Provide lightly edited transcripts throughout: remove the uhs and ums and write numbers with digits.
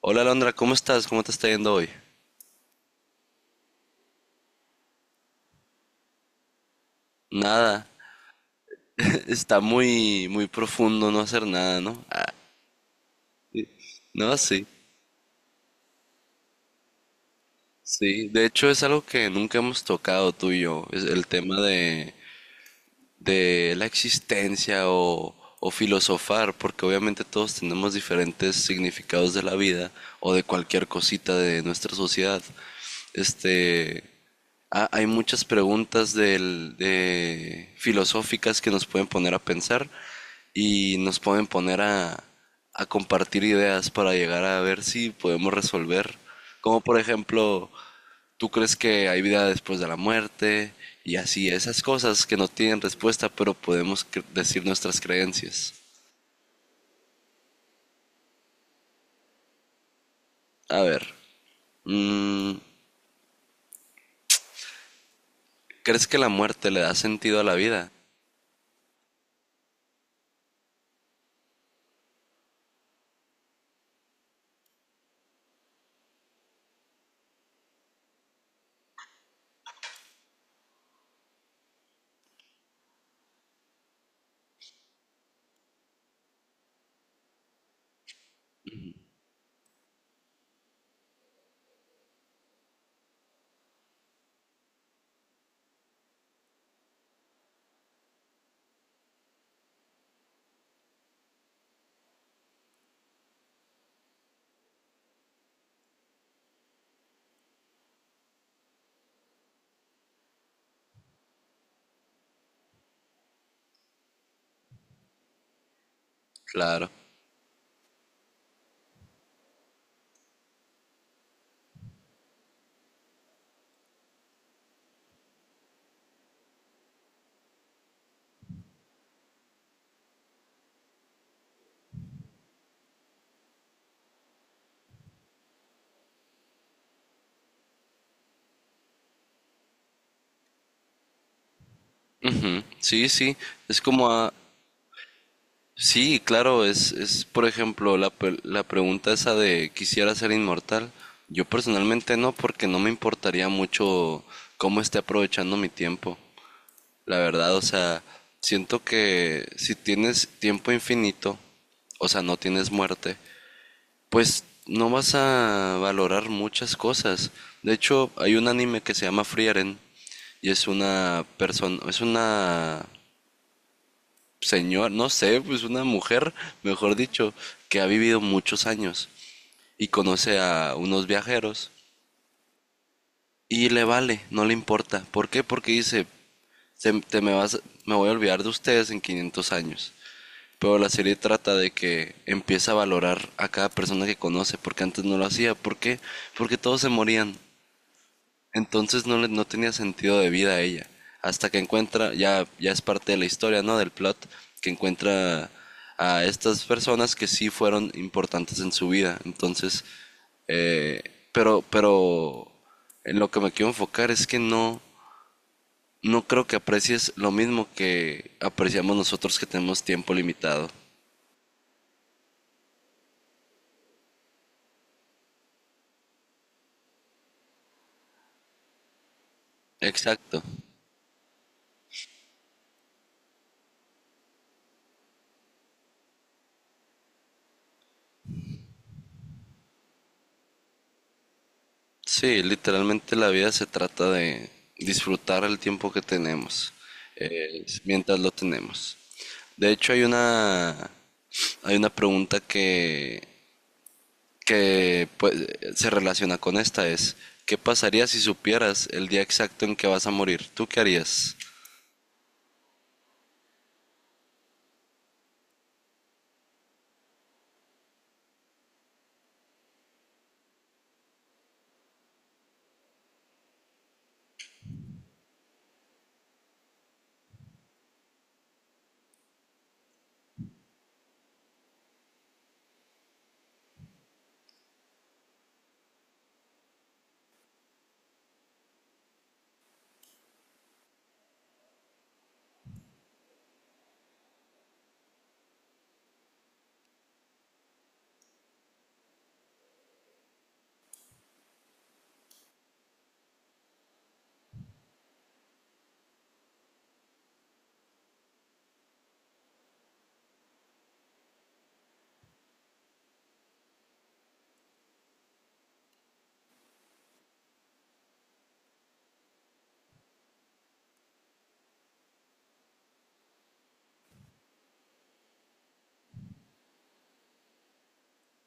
Hola Alondra, ¿cómo estás? ¿Cómo te está yendo hoy? Nada, está muy profundo no hacer nada, ¿no? No, sí, sí. De hecho, es algo que nunca hemos tocado tú y yo, es el tema de la existencia o filosofar, porque obviamente todos tenemos diferentes significados de la vida o de cualquier cosita de nuestra sociedad. Este, hay muchas preguntas de filosóficas que nos pueden poner a pensar y nos pueden poner a compartir ideas para llegar a ver si podemos resolver. Como por ejemplo, tú crees que hay vida después de la muerte y así, esas cosas que no tienen respuesta, pero podemos decir nuestras creencias. A ver, mm, ¿crees que la muerte le da sentido a la vida? Claro. Ujú, sí, sí, es como a- Sí, claro, es por ejemplo la pregunta esa de quisiera ser inmortal. Yo personalmente no, porque no me importaría mucho cómo esté aprovechando mi tiempo. La verdad, o sea, siento que si tienes tiempo infinito, o sea, no tienes muerte, pues no vas a valorar muchas cosas. De hecho, hay un anime que se llama Frieren y es una persona, es una señor, no sé, pues una mujer, mejor dicho, que ha vivido muchos años y conoce a unos viajeros y le vale, no le importa. ¿Por qué? Porque dice, te me vas, me voy a olvidar de ustedes en 500 años." Pero la serie trata de que empieza a valorar a cada persona que conoce, porque antes no lo hacía. ¿Por qué? Porque todos se morían. Entonces no, no tenía sentido de vida a ella. Hasta que encuentra, ya es parte de la historia, ¿no? Del plot, que encuentra a estas personas que sí fueron importantes en su vida. Entonces, eh, pero en lo que me quiero enfocar es que no, no creo que aprecies lo mismo que apreciamos nosotros que tenemos tiempo limitado. Exacto. Sí, literalmente la vida se trata de disfrutar el tiempo que tenemos, mientras lo tenemos. De hecho, hay una pregunta que pues, se relaciona con esta, es, ¿qué pasaría si supieras el día exacto en que vas a morir? ¿Tú qué harías?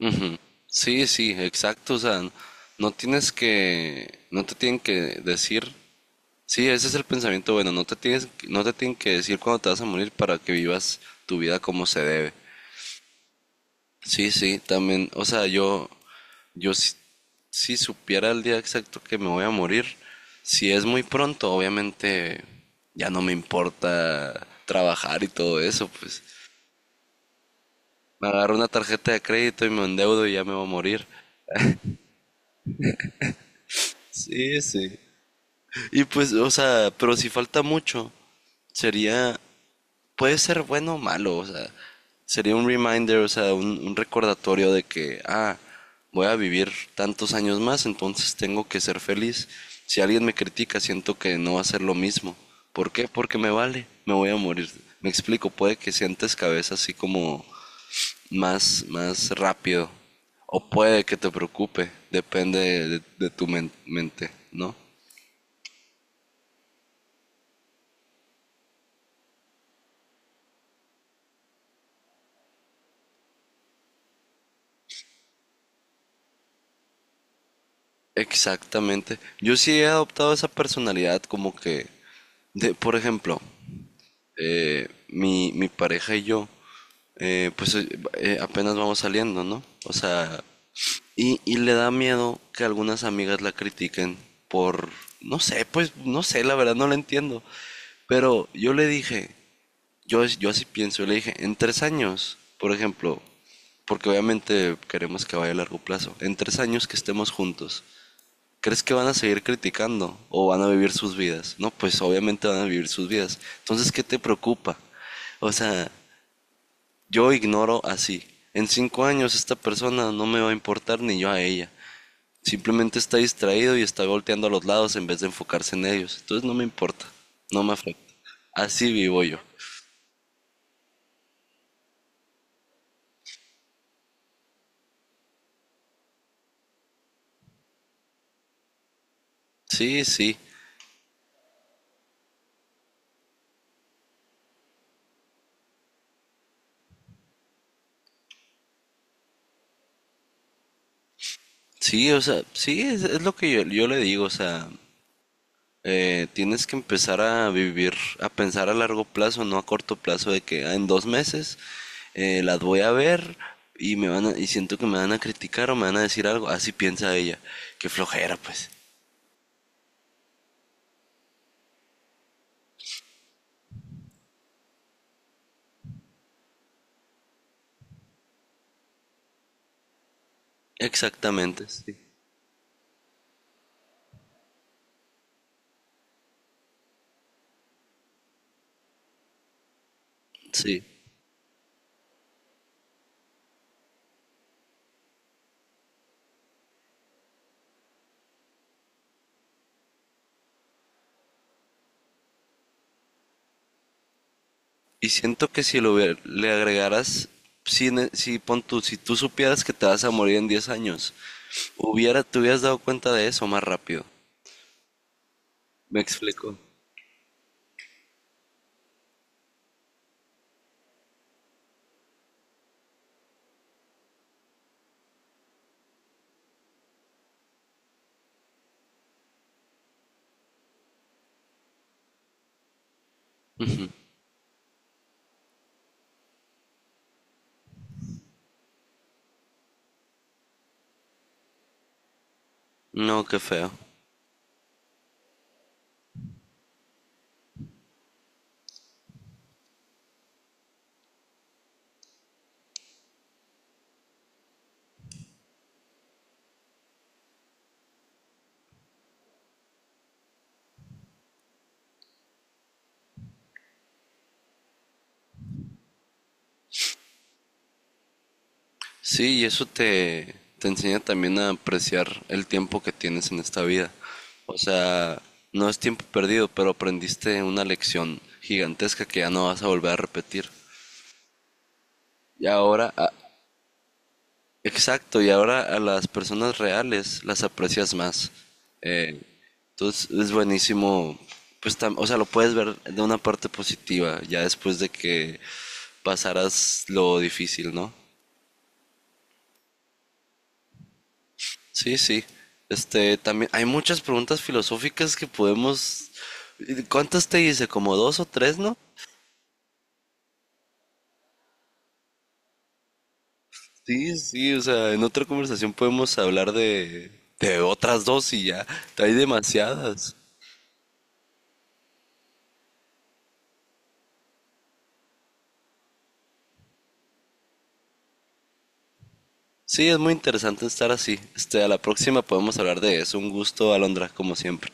Ujú. Sí, sí, exacto. O sea, no tienes que, no te tienen que decir. Sí, ese es el pensamiento bueno, no te tienes, no te tienen que decir cuándo te vas a morir para que vivas tu vida como se debe. Sí, sí, también, o sea, yo si, si supiera el día exacto que me voy a morir, si es muy pronto, obviamente ya no me importa trabajar y todo eso, pues me agarro una tarjeta de crédito y me endeudo y ya me voy a morir. Sí, sí. Y pues, o sea, pero si falta mucho, sería puede ser bueno o malo, o sea, sería un reminder, o sea, un recordatorio de que, ah, voy a vivir tantos años más, entonces tengo que ser feliz. Si alguien me critica, siento que no va a ser lo mismo. ¿Por qué? Porque me vale, me voy a morir. Me explico, puede que sientes cabeza así como más rápido, o puede que te preocupe, depende de tu mente, ¿no? Exactamente. Yo sí he adoptado esa personalidad como que, de, por ejemplo, mi pareja y yo, eh, pues eh, apenas vamos saliendo, ¿no? O sea, y le da miedo que algunas amigas la critiquen por, no sé, pues no sé, la verdad no la entiendo. Pero yo le dije, yo así pienso, yo le dije, en 3 años, por ejemplo, porque obviamente queremos que vaya a largo plazo, en 3 años que estemos juntos, ¿crees que van a seguir criticando o van a vivir sus vidas? No, pues obviamente van a vivir sus vidas. Entonces, ¿qué te preocupa? O sea, yo ignoro así. En 5 años esta persona no me va a importar ni yo a ella. Simplemente está distraído y está volteando a los lados en vez de enfocarse en ellos. Entonces no me importa, no me afecta. Así vivo yo. Sí, sí, sí, o sea, sí, es lo que yo le digo, o sea, eh, tienes que empezar a vivir, a pensar a largo plazo, no a corto plazo, de que ah, en 2 meses las voy a ver y y siento que me van a criticar o me van a decir algo. Así piensa ella. Qué flojera, pues. Exactamente, sí. Sí. Y siento que si lo le agregaras, si, si, pon tú, si tú supieras que te vas a morir en 10 años, te hubieras dado cuenta de eso más rápido. ¿Me explico? No, qué feo. Sí, y eso te enseña también a apreciar el tiempo que tienes en esta vida. O sea, no es tiempo perdido, pero aprendiste una lección gigantesca que ya no vas a volver a repetir. Y ahora, exacto, y ahora a las personas reales las aprecias más. Eh, entonces es buenísimo, pues, tam- o sea, lo puedes ver de una parte positiva, ya después de que pasaras lo difícil, ¿no? Sí, sí. Este, también hay muchas preguntas filosóficas que podemos. ¿Cuántas te hice? Como dos o tres, ¿no? Sí, sí, o sea, en otra conversación podemos hablar de otras dos y ya. Hay demasiadas. Sí, es muy interesante estar así. Este, a la próxima podemos hablar de eso. Un gusto, Alondra, como siempre.